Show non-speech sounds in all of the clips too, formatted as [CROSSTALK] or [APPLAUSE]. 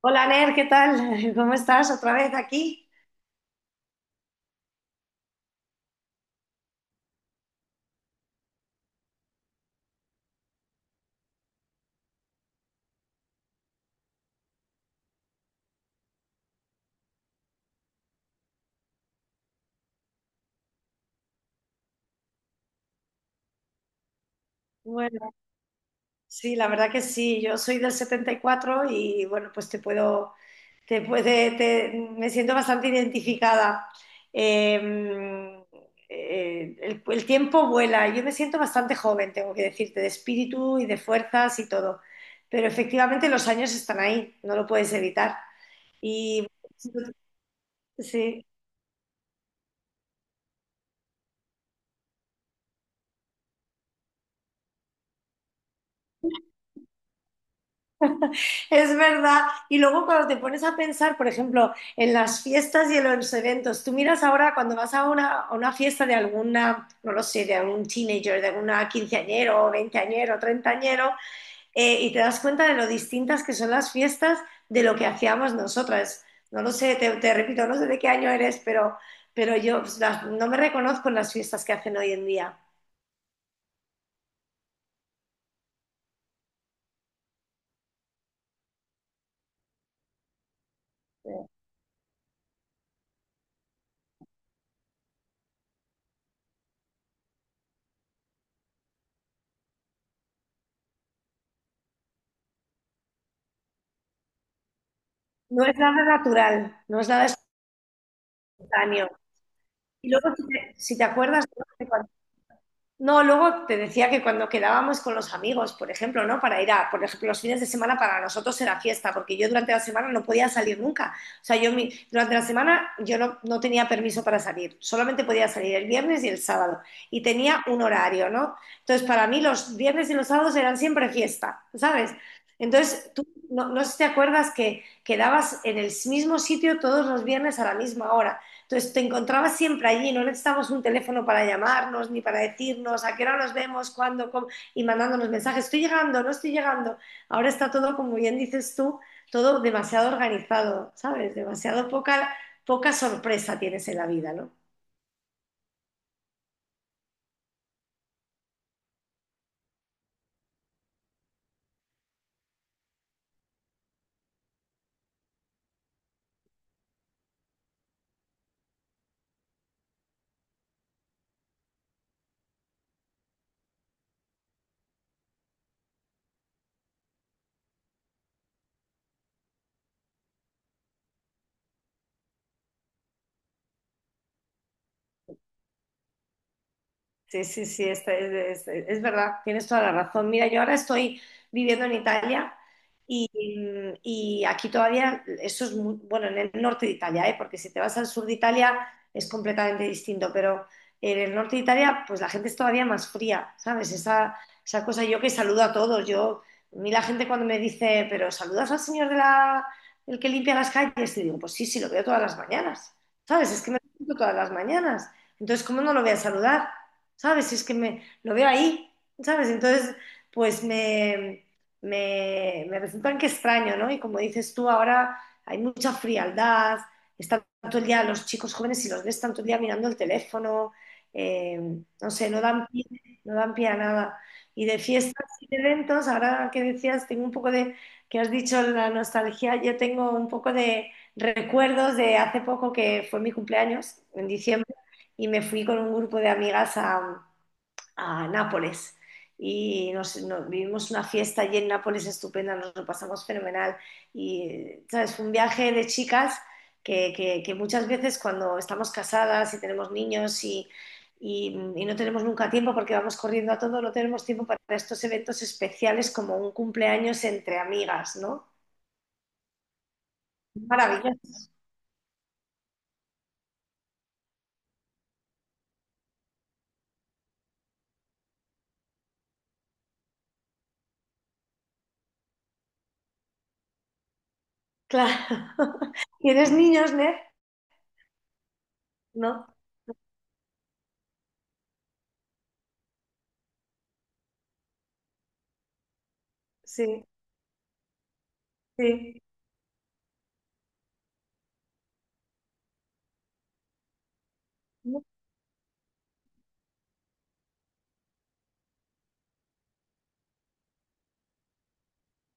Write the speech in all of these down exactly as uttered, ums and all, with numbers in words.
Hola Ner, ¿qué tal? [LAUGHS] ¿Cómo estás otra vez aquí? Bueno, sí, la verdad que sí, yo soy del setenta y cuatro y cuatro y bueno, pues te puedo, te puede, te- me siento bastante identificada. Eh, eh, el, el tiempo vuela, yo me siento bastante joven, tengo que decirte, de espíritu y de fuerzas y todo, pero efectivamente los años están ahí, no lo puedes evitar. Y sí. Es verdad. Y luego cuando te pones a pensar, por ejemplo, en las fiestas y en los eventos, tú miras ahora cuando vas a una, a una fiesta de alguna, no lo sé, de algún teenager, de algún quinceañero, veinteañero, treintañero, eh, y te das cuenta de lo distintas que son las fiestas de lo que hacíamos nosotras. No lo sé, te, te repito, no sé de qué año eres, pero, pero yo pues, las- no me reconozco en las fiestas que hacen hoy en día. No es nada natural, no es nada espontáneo. Y luego, si te, si te acuerdas, ¿no? No, luego te decía que cuando quedábamos con los amigos, por ejemplo, ¿no? Para ir a, por ejemplo, los fines de semana para nosotros era fiesta, porque yo durante la semana no podía salir nunca. O sea, yo mi- durante la semana yo no, no tenía permiso para salir, solamente podía salir el viernes y el sábado. Y tenía un horario, ¿no? Entonces, para mí los viernes y los sábados eran siempre fiesta, ¿sabes? Entonces, tú no, no sé si te acuerdas que quedabas en el mismo sitio todos los viernes a la misma hora. Entonces te encontrabas siempre allí, no necesitábamos un teléfono para llamarnos ni para decirnos a qué hora nos vemos, cuándo, cómo, y mandándonos mensajes, estoy llegando, no estoy llegando. Ahora está todo, como bien dices tú, todo demasiado organizado, ¿sabes? Demasiado poca, poca sorpresa tienes en la vida, ¿no? Sí, sí, sí, esta- es, es- es verdad, tienes toda la razón. Mira, yo ahora estoy viviendo en Italia y, y aquí todavía, eso es muy, bueno, en el norte de Italia, ¿eh? Porque si te vas al sur de Italia es completamente distinto, pero en el norte de Italia, pues la gente es todavía más fría, ¿sabes? Esa, esa cosa, yo que saludo a todos, yo, a mí la gente cuando me dice, pero ¿saludas al señor de la, el que limpia las calles? Y digo, pues sí, sí, lo veo todas las mañanas, ¿sabes? Es que me lo encuentro todas las mañanas, entonces, ¿cómo no lo voy a saludar? ¿Sabes? Si es que me lo veo ahí, ¿sabes? Entonces, pues me, me, me resultan que extraño, ¿no? Y como dices tú, ahora hay mucha frialdad, están todo el día los chicos jóvenes, si los ves tanto el día mirando el teléfono, eh, no sé, no dan pie, no dan pie a nada. Y de fiestas y de eventos, ahora que decías, tengo un poco de, que has dicho la nostalgia, yo tengo un poco de recuerdos de hace poco que fue mi cumpleaños, en diciembre, y me fui con un grupo de amigas a, a Nápoles y nos, nos- vivimos una fiesta allí en Nápoles estupenda, nos lo pasamos fenomenal y, ¿sabes? Fue un viaje de chicas que, que- que muchas veces cuando estamos casadas y tenemos niños y, y- y no tenemos nunca tiempo porque vamos corriendo a todo, no tenemos tiempo para estos eventos especiales como un cumpleaños entre amigas, ¿no? Maravilloso, claro. [LAUGHS] ¿Tienes niños, Ned? No, sí, sí.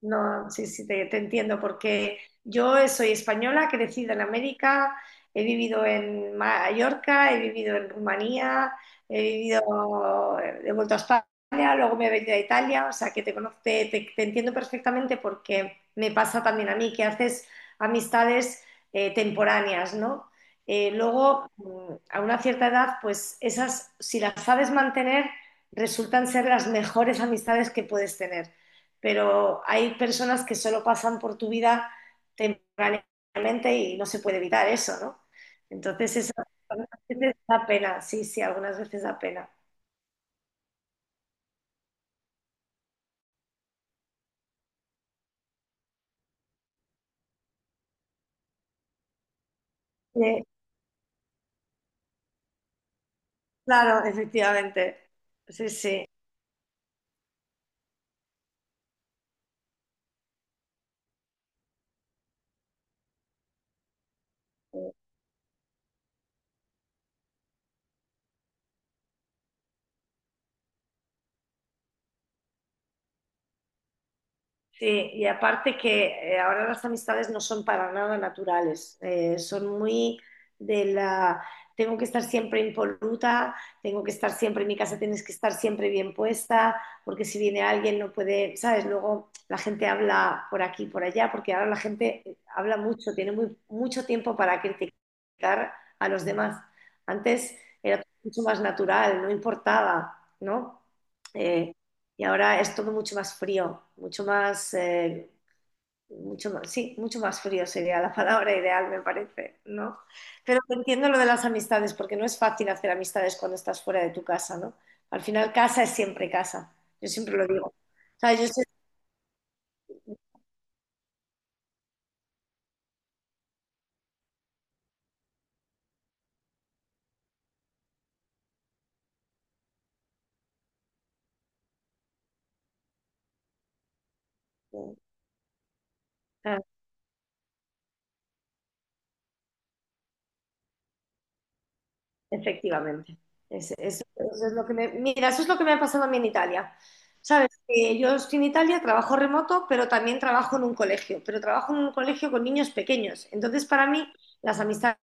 No, sí, sí, te, te entiendo, porque yo soy española, crecida en América, he vivido en Mallorca, he vivido en Rumanía, he vivido, he vuelto a España, luego me he venido a Italia, o sea que te conozco, te, te- te entiendo perfectamente porque me pasa también a mí que haces amistades eh, temporáneas, ¿no? Eh, luego, mm, a una cierta edad, pues esas, si las sabes mantener, resultan ser las mejores amistades que puedes tener, pero hay personas que solo pasan por tu vida temporalmente y no se puede evitar eso, ¿no? Entonces, eso algunas veces da pena, sí, sí, algunas veces da pena. Eh, claro, efectivamente. Sí, sí. Sí, y aparte que eh, ahora las amistades no son para nada naturales. Eh, son muy de la, tengo que estar siempre impoluta, tengo que estar siempre en mi casa, tienes que estar siempre bien puesta, porque si viene alguien no puede, ¿sabes? Luego la gente habla por aquí, por allá, porque ahora la gente habla mucho, tiene muy, mucho tiempo para criticar a los demás. Antes era mucho más natural, no importaba, ¿no? Eh, y ahora es todo mucho más frío, mucho más, eh, mucho más, sí, mucho más frío sería la palabra ideal, me parece, ¿no? Pero entiendo lo de las amistades, porque no es fácil hacer amistades cuando estás fuera de tu casa, ¿no? Al final, casa es siempre casa, yo siempre lo digo. O sea, yo sé- Efectivamente. Es- es- eso es lo que me, mira, eso es lo que me ha pasado a mí en Italia. Sabes que yo estoy en Italia, trabajo remoto, pero también trabajo en un colegio, pero trabajo en un colegio con niños pequeños. Entonces, para mí, las amistades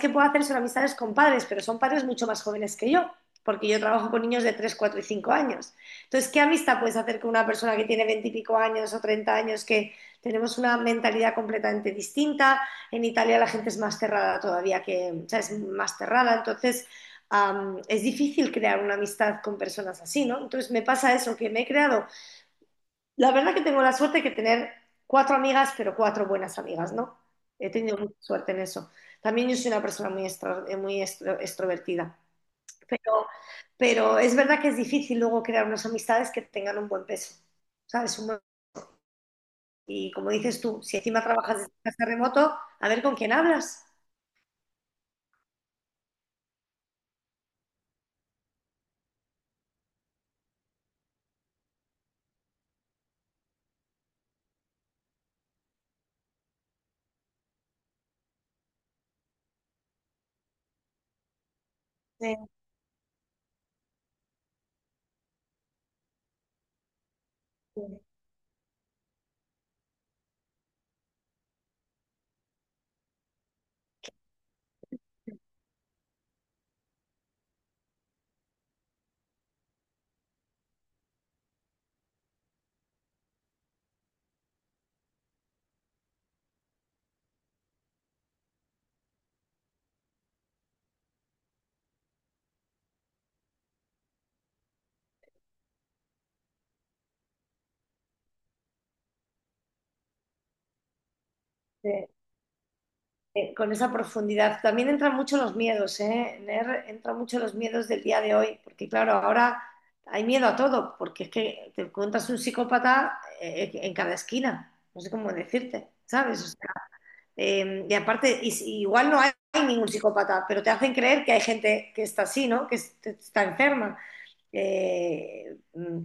que puedo hacer son amistades con padres, pero son padres mucho más jóvenes que yo, porque yo trabajo con niños de tres cuatro y cinco años. Entonces, ¿qué amistad puedes hacer con una persona que tiene veinte y pico años o treinta años, que tenemos una mentalidad completamente distinta? En Italia la gente es más cerrada todavía que, o sea, es más cerrada, entonces um, es difícil crear una amistad con personas así, ¿no? Entonces me pasa eso, que me he creado, la verdad que tengo la suerte de tener cuatro amigas, pero cuatro buenas amigas, ¿no? He tenido mucha suerte en eso. También yo soy una persona muy, extro, muy extro, extrovertida, pero, pero es verdad que es difícil luego crear unas amistades que tengan un buen peso, ¿sabes? Un buen- y como dices tú, si encima trabajas desde casa remoto, a ver con quién hablas. Sí, sí. eh, eh, con esa profundidad. También entran mucho los miedos, ¿eh? Ner, entran mucho los miedos del día de hoy, porque claro, ahora hay miedo a todo, porque es que te encuentras un psicópata eh, en cada esquina, no sé cómo decirte, ¿sabes? O sea, eh, y aparte, y si- igual no hay, ningún psicópata, pero te hacen creer que hay gente que está así, ¿no? Que es- está enferma. Eh, mm,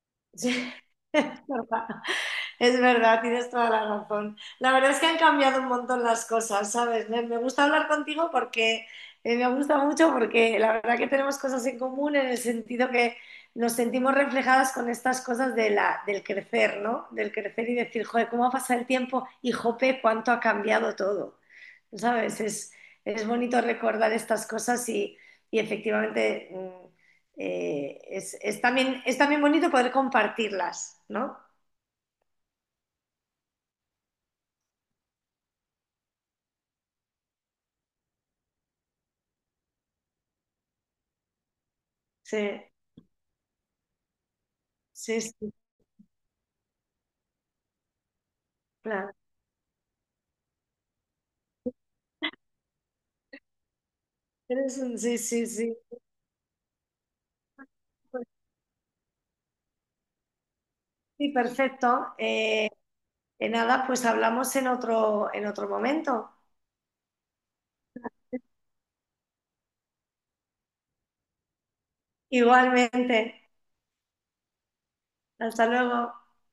[LAUGHS] sí. [LAUGHS] Es verdad. Es verdad, tienes toda la razón. La verdad es que han cambiado un montón las cosas, ¿sabes? Me, me gusta hablar contigo porque eh, me gusta mucho porque la verdad que tenemos cosas en común en el sentido que nos sentimos reflejadas con estas cosas de la, del crecer, ¿no? Del crecer y decir, joder, ¿cómo ha pasado el tiempo? Y jope, cuánto ha cambiado todo. ¿Sabes? Es, es bonito recordar estas cosas y, y efectivamente, mm, eh, es, es también, es también bonito poder compartirlas, ¿no? Sí. Sí, sí, claro. Eres un- Sí, sí, sí. Pues sí, perfecto. Eh, eh, nada, pues hablamos en otro, en otro momento. Igualmente. Hasta luego.